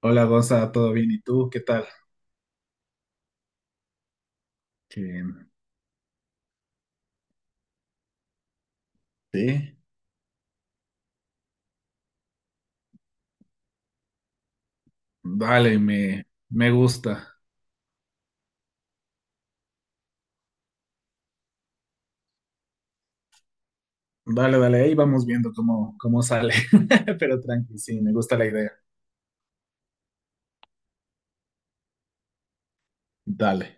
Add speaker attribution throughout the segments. Speaker 1: Hola Gonza, ¿todo bien? ¿Y tú? ¿Qué tal? Eh, sí, dale, me gusta. Dale, dale, ahí vamos viendo cómo sale. Pero tranqui, sí, me gusta la idea. Dale.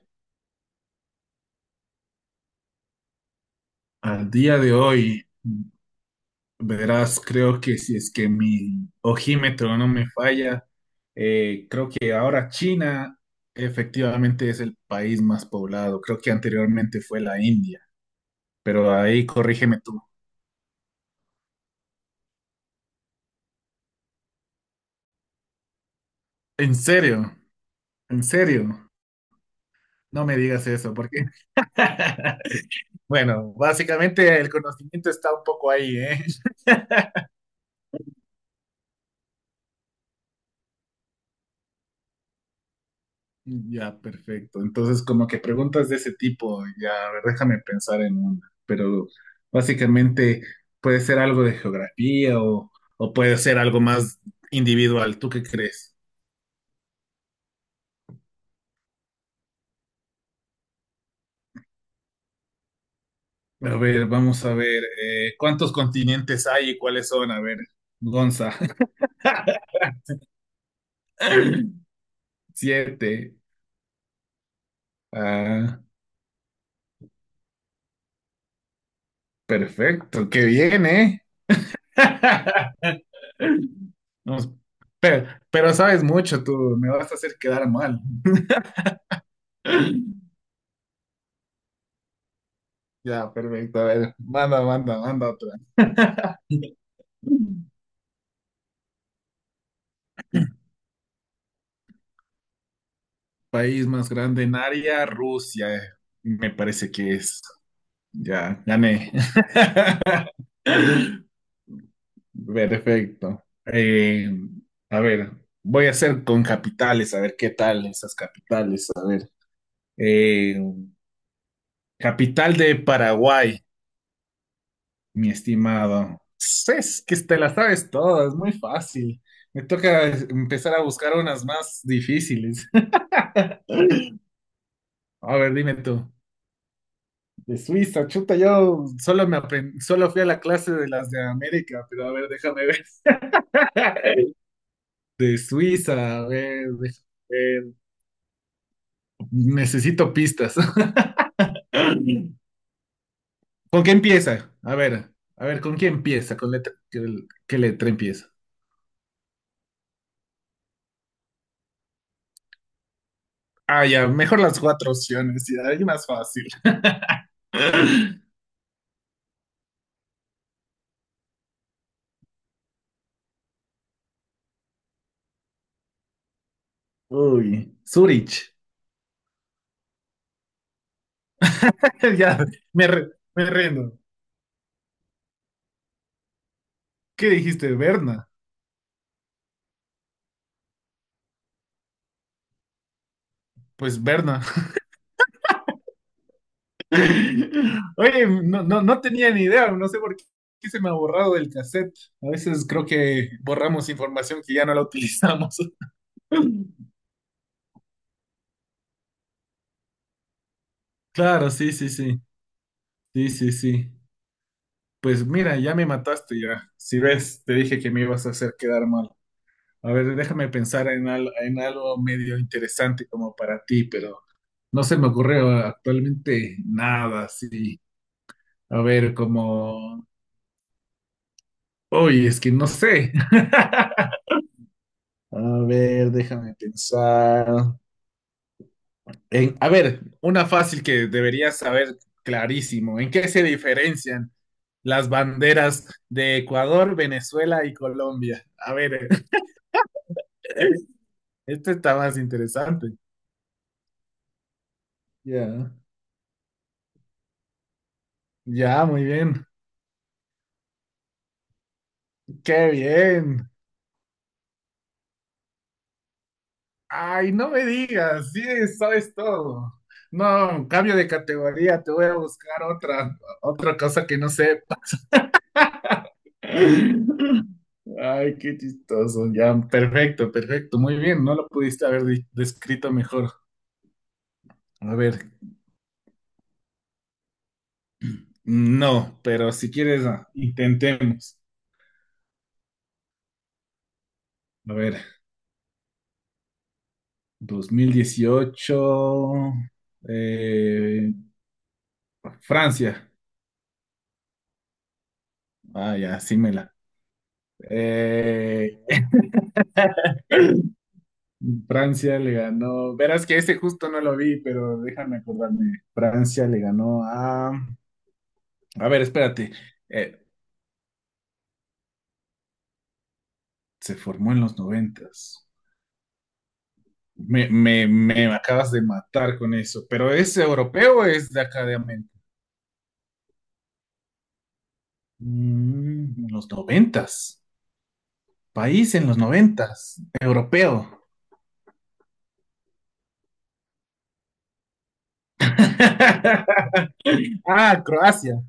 Speaker 1: Al día de hoy, verás, creo que si es que mi ojímetro no me falla, creo que ahora China efectivamente es el país más poblado. Creo que anteriormente fue la India, pero ahí corrígeme tú. ¿En serio? ¿En serio? No me digas eso, porque Bueno, básicamente el conocimiento está un poco ahí, ¿eh? Ya, perfecto. Entonces, como que preguntas de ese tipo, ya, a ver, déjame pensar en una, pero básicamente puede ser algo de geografía o puede ser algo más individual. ¿Tú qué crees? A ver, vamos a ver, ¿cuántos continentes hay y cuáles son? A ver, Gonza. Siete. Ah, perfecto, qué bien, ¿eh? Nos- pero sabes mucho tú, me vas a hacer quedar mal. Ya, perfecto. A ver, manda otra. País más grande en área, Rusia, me parece que es. Ya, gané. Perfecto. A ver, voy a hacer con capitales, a ver qué tal esas capitales. Eh, capital de Paraguay. Mi estimado, pues, es que te la sabes todas, es muy fácil. Me toca empezar a buscar unas más difíciles. A ver, dime tú. De Suiza, chuta, yo solo me aprendí, solo fui a la clase de las de América, pero a ver, déjame ver. De Suiza, a ver, déjame ver. Necesito pistas. ¿Con qué empieza? A ver, ¿con qué empieza? ¿Qué letra empieza? Ah, ya, mejor las cuatro opciones, ya, hay más fácil. Uy, Zurich. Ya, me, re- me rindo. ¿Qué dijiste, Berna? Pues Berna. Oye, no, no, no tenía ni idea, no sé por qué se me ha borrado del cassette. A veces creo que borramos información que ya no la utilizamos. Claro, sí, sí, sí. Sí, sí, sí. Pues mira, ya me mataste ya. Si ves, te dije que me ibas a hacer quedar mal. A ver, déjame pensar en algo medio interesante como para ti, pero no se me ocurre actualmente nada así. A ver, como... Oye, es que no sé. A ver, déjame pensar. A ver, una fácil que deberías saber clarísimo. ¿En qué se diferencian las banderas de Ecuador, Venezuela y Colombia? A ver, este está más interesante. Ya. Ya, muy bien. Qué bien. Ay, no me digas, sí, sabes todo. No, cambio de categoría, te voy a buscar otra cosa que no sepa. Ay, qué chistoso, ya, perfecto, perfecto, muy bien, no lo pudiste haber descrito mejor. A ver, no, pero si quieres, intentemos. A ver, 2018, eh, Francia. Ah, ya, sí me la. Eh, Francia le ganó. Verás que ese justo no lo vi, pero déjame acordarme. Francia le ganó a. A ver, espérate. Eh, se formó en los noventas. Me acabas de matar con eso. ¿Pero es europeo o es de acá de América? En los noventas. País en los noventas. Europeo. Ah, Croacia.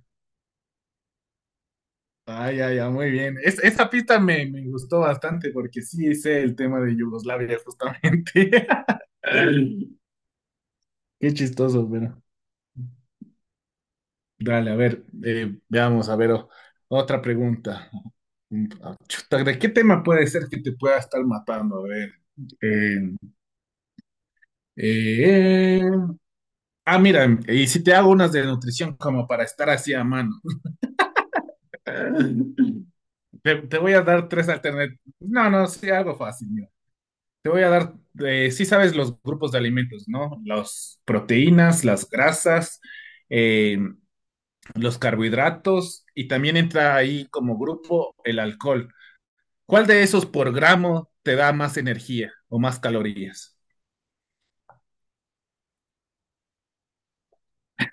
Speaker 1: Ah, ya, ya, muy bien. Esa pista me gustó bastante porque sí sé el tema de Yugoslavia, justamente. Qué chistoso, bueno. Dale, a ver, veamos, a ver, otra pregunta. Mm, ah, chuta, ¿de qué tema puede ser que te pueda estar matando? A ver. eh, eh, mira, y si te hago unas de nutrición como para estar así a mano. Te voy a dar tres alternativas. No, no, sí, algo fácil, mira. Te voy a dar, sí sabes los grupos de alimentos, ¿no? Las proteínas, las grasas, eh, los carbohidratos y también entra ahí como grupo el alcohol. ¿Cuál de esos por gramo te da más energía o más calorías?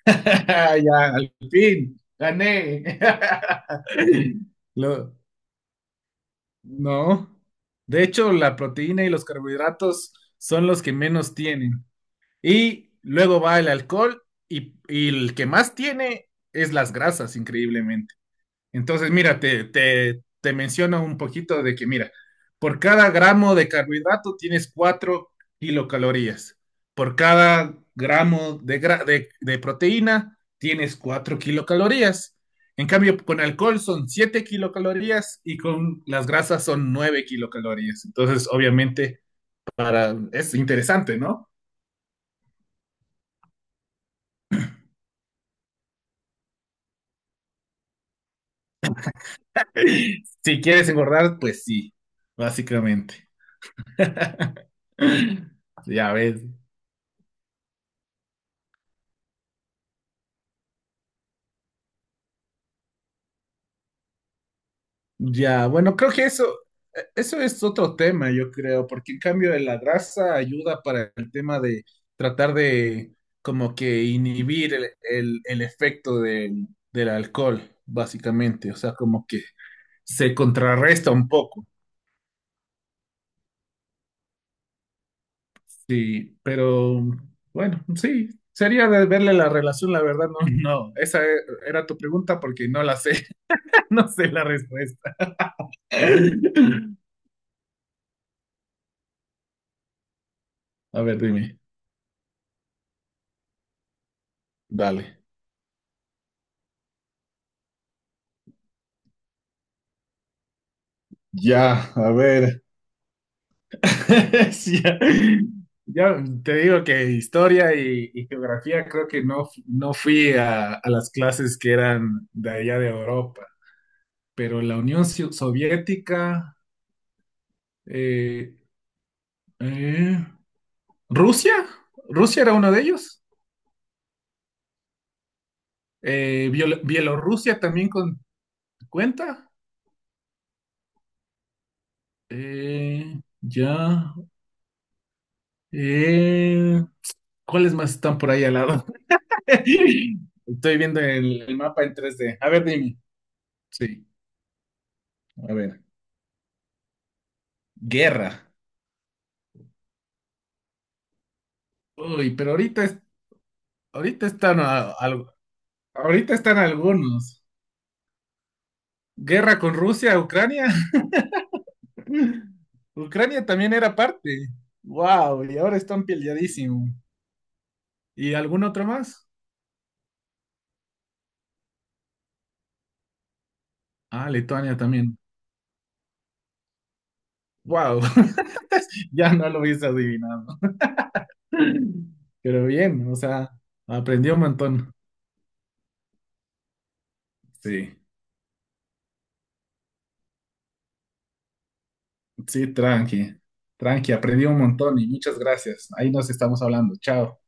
Speaker 1: Ya, al fin, gané. Lo- no. De hecho, la proteína y los carbohidratos son los que menos tienen. Y luego va el alcohol y el que más tiene es las grasas, increíblemente. Entonces, mira, te menciono un poquito de que, mira, por cada gramo de carbohidrato tienes 4 kilocalorías. Por cada gramo de proteína tienes 4 kilocalorías. En cambio, con alcohol son 7 kilocalorías y con las grasas son 9 kilocalorías. Entonces, obviamente, para, es interesante, ¿no? Si quieres engordar, pues sí, básicamente. Ya ves. Ya, bueno, creo que eso es otro tema, yo creo, porque en cambio la grasa ayuda para el tema de tratar de como que inhibir el efecto del alcohol, básicamente, o sea, como que se contrarresta un poco, sí, pero bueno, sí, sería de verle la relación, la verdad, no, no, esa era tu pregunta porque no la sé, no sé la respuesta. A ver, dime, dale. Ya, a ver. Sí, ya, ya te digo que historia y geografía creo que no fui a las clases que eran de allá de Europa, pero la Unión Soviética, eh, eh, Rusia, Rusia era uno de ellos. Bielorrusia también cuenta. Ya, eh, ¿cuáles más están por ahí al lado? Estoy viendo el mapa en 3D. A ver, dime, sí, a ver. Guerra. Uy, pero ahorita, ahorita están ahorita están algunos. Guerra con Rusia, Ucrania. Ucrania también era parte. Wow, y ahora están peleadísimo. ¿Y algún otro más? Ah, Lituania también. Wow, ya no lo hubiese adivinado. Pero bien, o sea, aprendí un montón. Sí, sí, tranqui. Tranqui, aprendí un montón y muchas gracias. Ahí nos estamos hablando. Chao.